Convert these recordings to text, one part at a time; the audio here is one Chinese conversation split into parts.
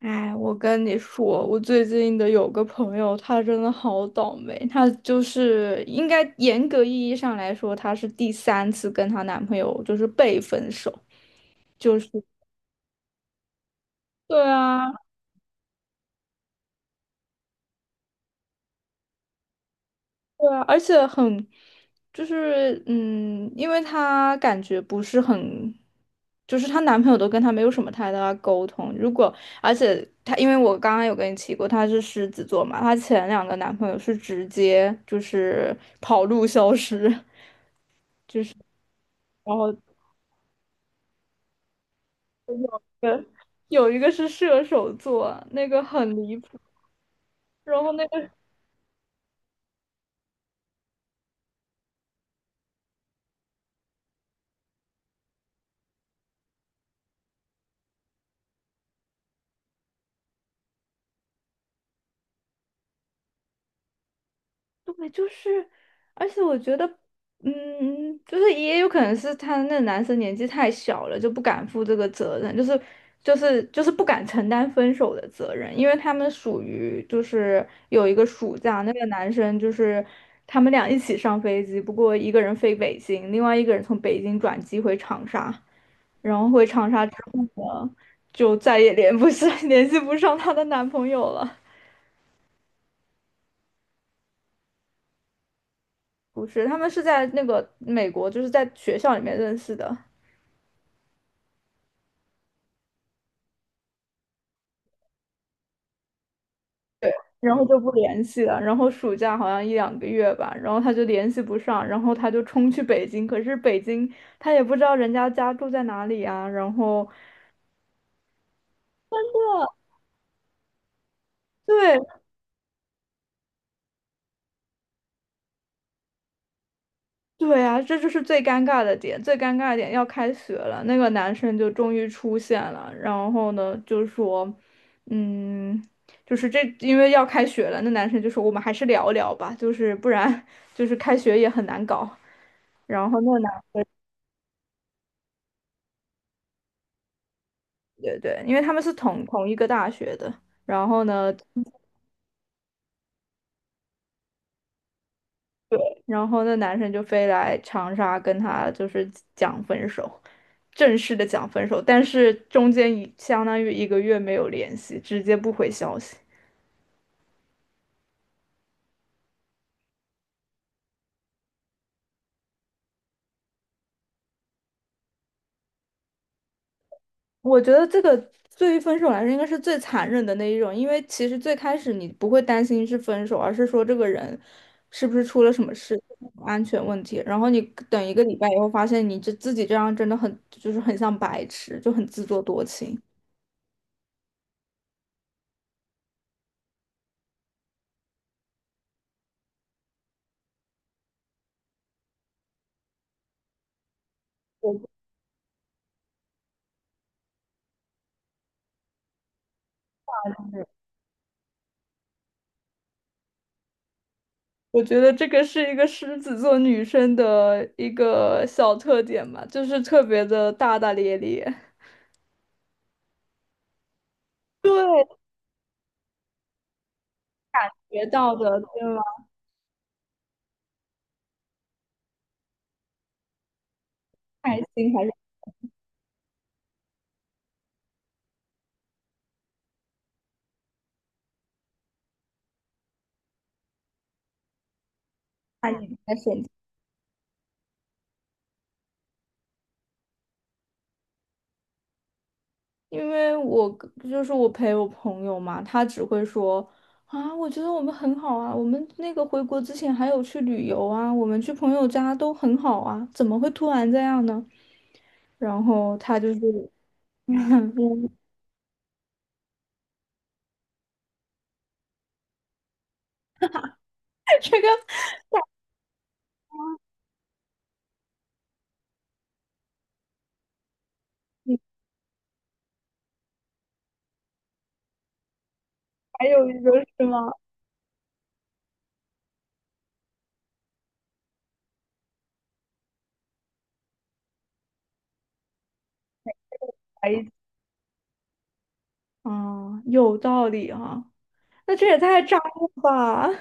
哎，我跟你说，我最近的有个朋友，她真的好倒霉。她就是应该严格意义上来说，她是第三次跟她男朋友就是被分手，就是对啊，对啊，而且很因为她感觉不是很，就是她男朋友都跟她没有什么太大的沟通。而且她，因为我刚刚有跟你提过，她是狮子座嘛，她前两个男朋友是直接就是跑路消失。然后有一个有一个是射手座，那个很离谱。然后对，就是，而且我觉得，嗯，就是也有可能是他那男生年纪太小了，就不敢负这个责任，就是不敢承担分手的责任，因为他们属于就是有一个暑假，那个男生就是他们俩一起上飞机，不过一个人飞北京，另外一个人从北京转机回长沙，然后回长沙之后呢，就再也联不上 联系不上她的男朋友了。不是，他们是在那个美国，就是在学校里面认识的，然后就不联系了。然后暑假好像一两个月吧，然后他就联系不上，然后他就冲去北京。可是北京他也不知道人家家住在哪里啊，然后对，对啊，这就是最尴尬的点，最尴尬的点要开学了，那个男生就终于出现了，然后呢就说，嗯，就是这因为要开学了，那男生就说我们还是聊聊吧，就是不然就是开学也很难搞。然后那男，对对，因为他们是同一个大学的，然后呢，对，然后那男生就飞来长沙跟他就是讲分手。正式的讲分手，但是中间相当于一个月没有联系，直接不回消息。我觉得这个对于分手来说，应该是最残忍的那一种，因为其实最开始你不会担心是分手，而是说这个人是不是出了什么事，安全问题。然后你等一个礼拜以后，发现你这自己这样真的很很像白痴，就很自作多情。我觉得这个是一个狮子座女生的一个小特点嘛，就是特别的大大咧咧。对，学到的，对吧？开心还是看你的选择？因为就是我陪我朋友嘛，他只会说啊，我觉得我们很好啊，我们那个回国之前还有去旅游啊，我们去朋友家都很好啊，怎么会突然这样呢？然后他就是，嗯，这个你还有一个是吗？还一啊，有道理啊，那这也太渣了吧？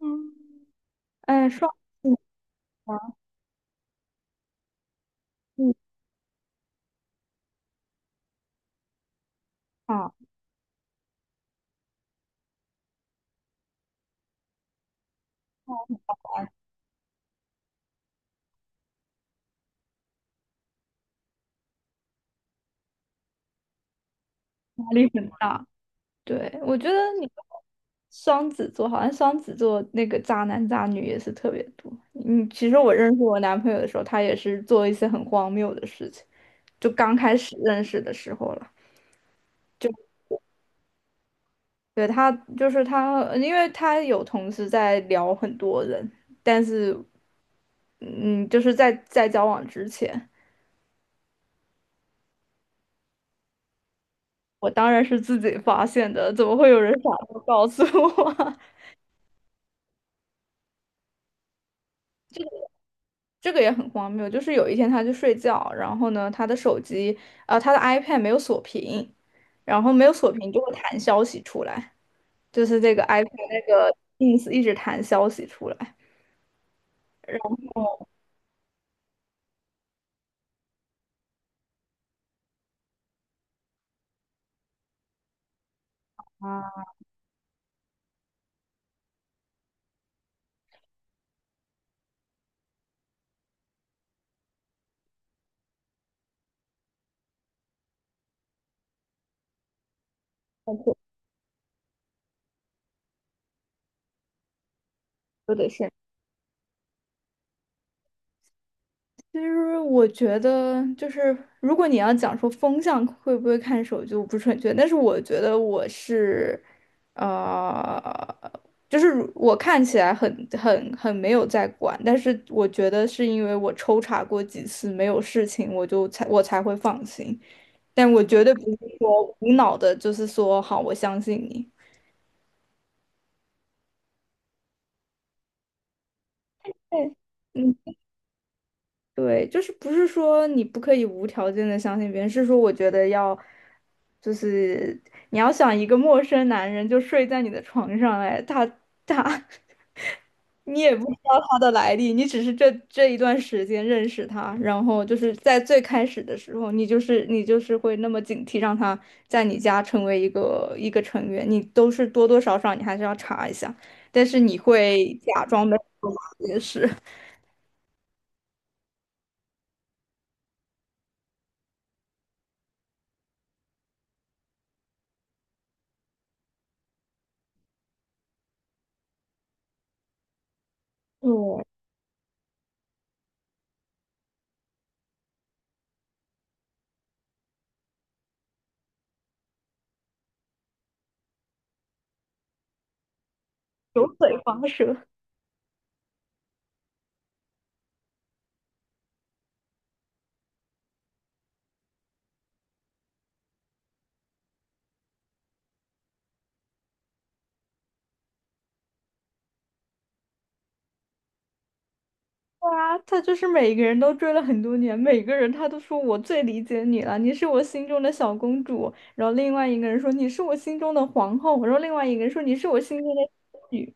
嗯，哎，双子啊，嗯啊，压力很大。对，我觉得你双子座好像双子座那个渣男渣女也是特别多。嗯，其实我认识我男朋友的时候，他也是做一些很荒谬的事情，就刚开始认识的时候了。就对他，就是他，因为他有同时在聊很多人，但是嗯，就是在交往之前，我当然是自己发现的，怎么会有人傻到告诉我？这个也很荒谬，就是有一天他去睡觉，然后呢，他的手机，他的 iPad 没有锁屏，然后没有锁屏就会弹消息出来，就是这个 iPad 那个 Ins 一直弹消息出来，都得先。其实我觉得，就是如果你要讲说风向会不会看手机，我不是很确定。但是我觉得我是，呃，就是我看起来很没有在管，但是我觉得是因为我抽查过几次没有事情，我才会放心。但我绝对不是说无脑的，就是说好，我相信你。对，对，就是不是说你不可以无条件的相信别人，是说我觉得要，就是你要想一个陌生男人就睡在你的床上，哎，他 你也不知道他的来历，你只是这一段时间认识他，然后就是在最开始的时候，你就是会那么警惕，让他在你家成为一个一个成员，你都是多多少少你还是要查一下，但是你会假装没有做这些事，嗯，油嘴滑舌。啊，他就是每个人都追了很多年，每个人他都说我最理解你了，你是我心中的小公主。然后另外一个人说你是我心中的皇后，然后另外一个人说你是我心中的仙女。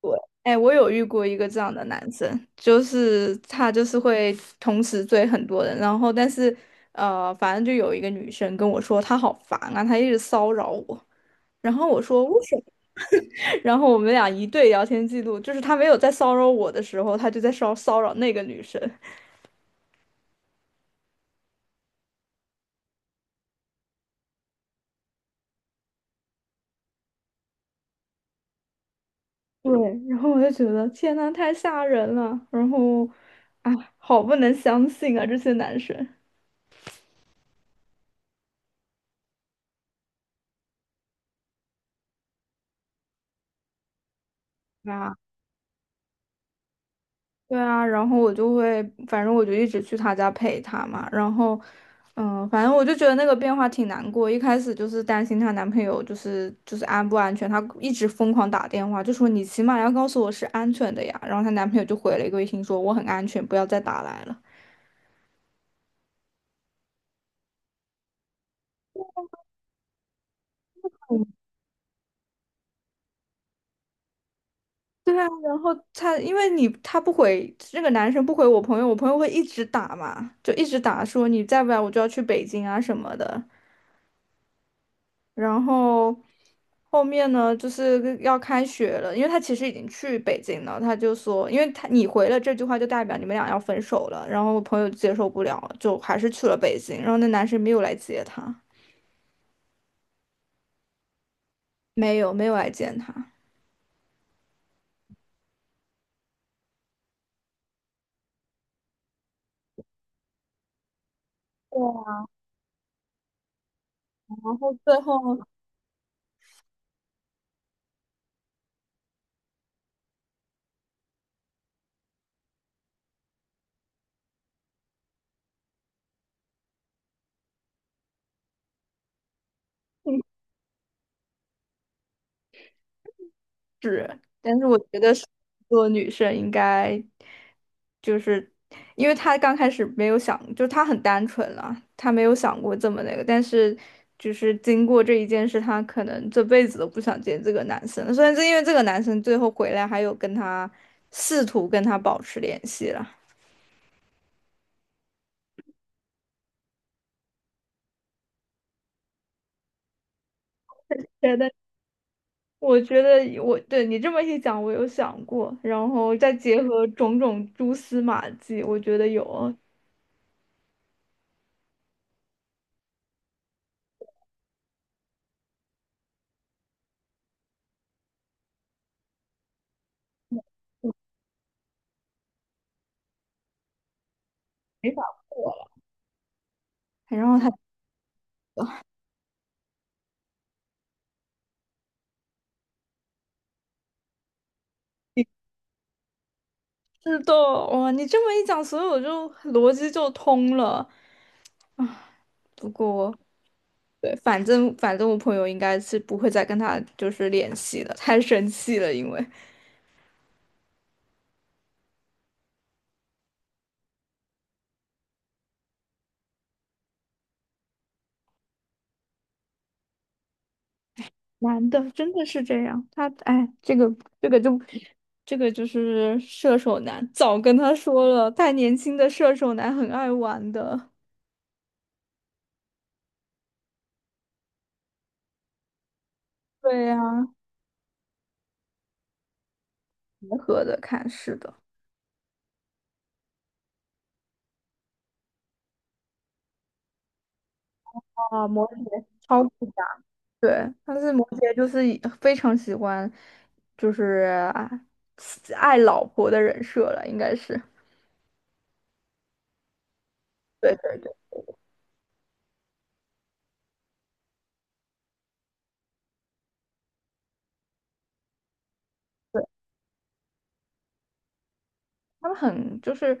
我，哎，我有遇过一个这样的男生，就是他就是会同时追很多人，然后但是反正就有一个女生跟我说她好烦啊，她一直骚扰我。然后我说为什么？然后我们俩一对聊天记录，就是他没有在骚扰我的时候，他就在骚扰那个女生。对，然后我就觉得天呐，太吓人了，然后啊，好不能相信啊，这些男生。对啊，对啊，然后我就会，反正我就一直去他家陪他嘛。然后，嗯，反正我就觉得那个变化挺难过。一开始就是担心她男朋友就是安不安全，她一直疯狂打电话，就说你起码要告诉我是安全的呀。然后她男朋友就回了一个微信说我很安全，不要再打来了。对啊，然后他因为你他不回那个男生不回我朋友，我朋友会一直打嘛，就一直打说你再不来我就要去北京啊什么的。然后后面呢，就是要开学了，因为他其实已经去北京了，他就说，因为他你回了这句话就代表你们俩要分手了。然后我朋友接受不了了，就还是去了北京。然后那男生没有来接他，没有没有来见他。对啊，然后最后但是我觉得做女生应该就是，因为他刚开始没有想，就他很单纯了，他没有想过这么那个，但是就是经过这一件事，他可能这辈子都不想见这个男生了。虽然是因为这个男生最后回来，还有试图跟他保持联系了。对，但我觉得我对你这么一讲，我有想过，然后再结合种种蛛丝马迹，我觉得有没法过了。然后他。是的，哇，你这么一讲，所以我就逻辑就通了。不过，对，反正我朋友应该是不会再跟他就是联系了，太生气了，因为男的真的是这样，他哎，这个这个就这个就是射手男，早跟他说了，太年轻的射手男很爱玩的。对呀、结合的看，是的。啊，摩羯超级。对，但是摩羯就是以非常喜欢，就是啊爱老婆的人设了，应该是。对对对，他们很就是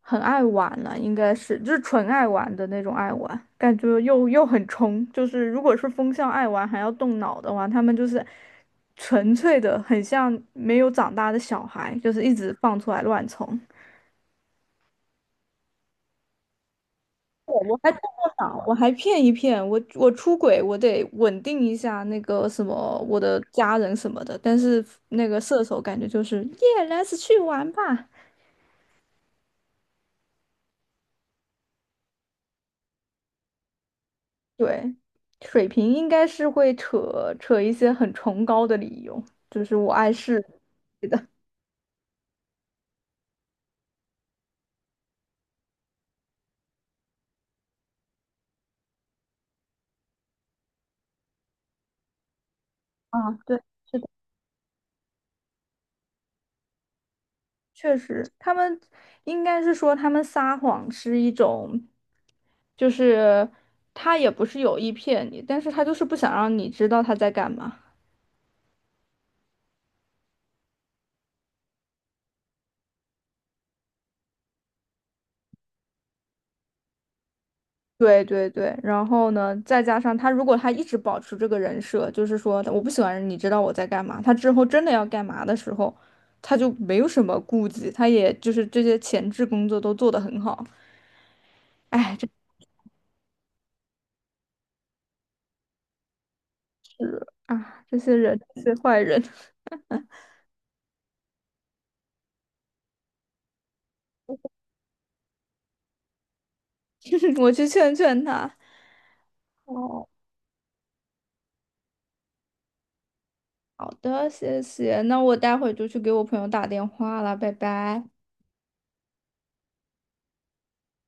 很爱玩了，应该是就是纯爱玩的那种爱玩，感觉又很冲。就是如果是风向爱玩还要动脑的话，他们就是纯粹的，很像没有长大的小孩，就是一直放出来乱冲。我还动过脑，我还骗一骗我，我出轨，我得稳定一下那个什么我的家人什么的。但是那个射手感觉就是耶，let's 去玩吧。对，水瓶应该是会扯扯一些很崇高的理由，就是我爱世对的。啊，对，是的，确实，他们应该是说他们撒谎是一种，就是他也不是有意骗你，但是他就是不想让你知道他在干嘛。对对对，然后呢，再加上他，如果他一直保持这个人设，就是说我不喜欢你知道我在干嘛，他之后真的要干嘛的时候，他就没有什么顾忌，他也就是这些前置工作都做得很好。哎，真是啊，这些人，这些坏人，我去劝劝他。哦，好的，谢谢，那我待会就去给我朋友打电话了，拜拜。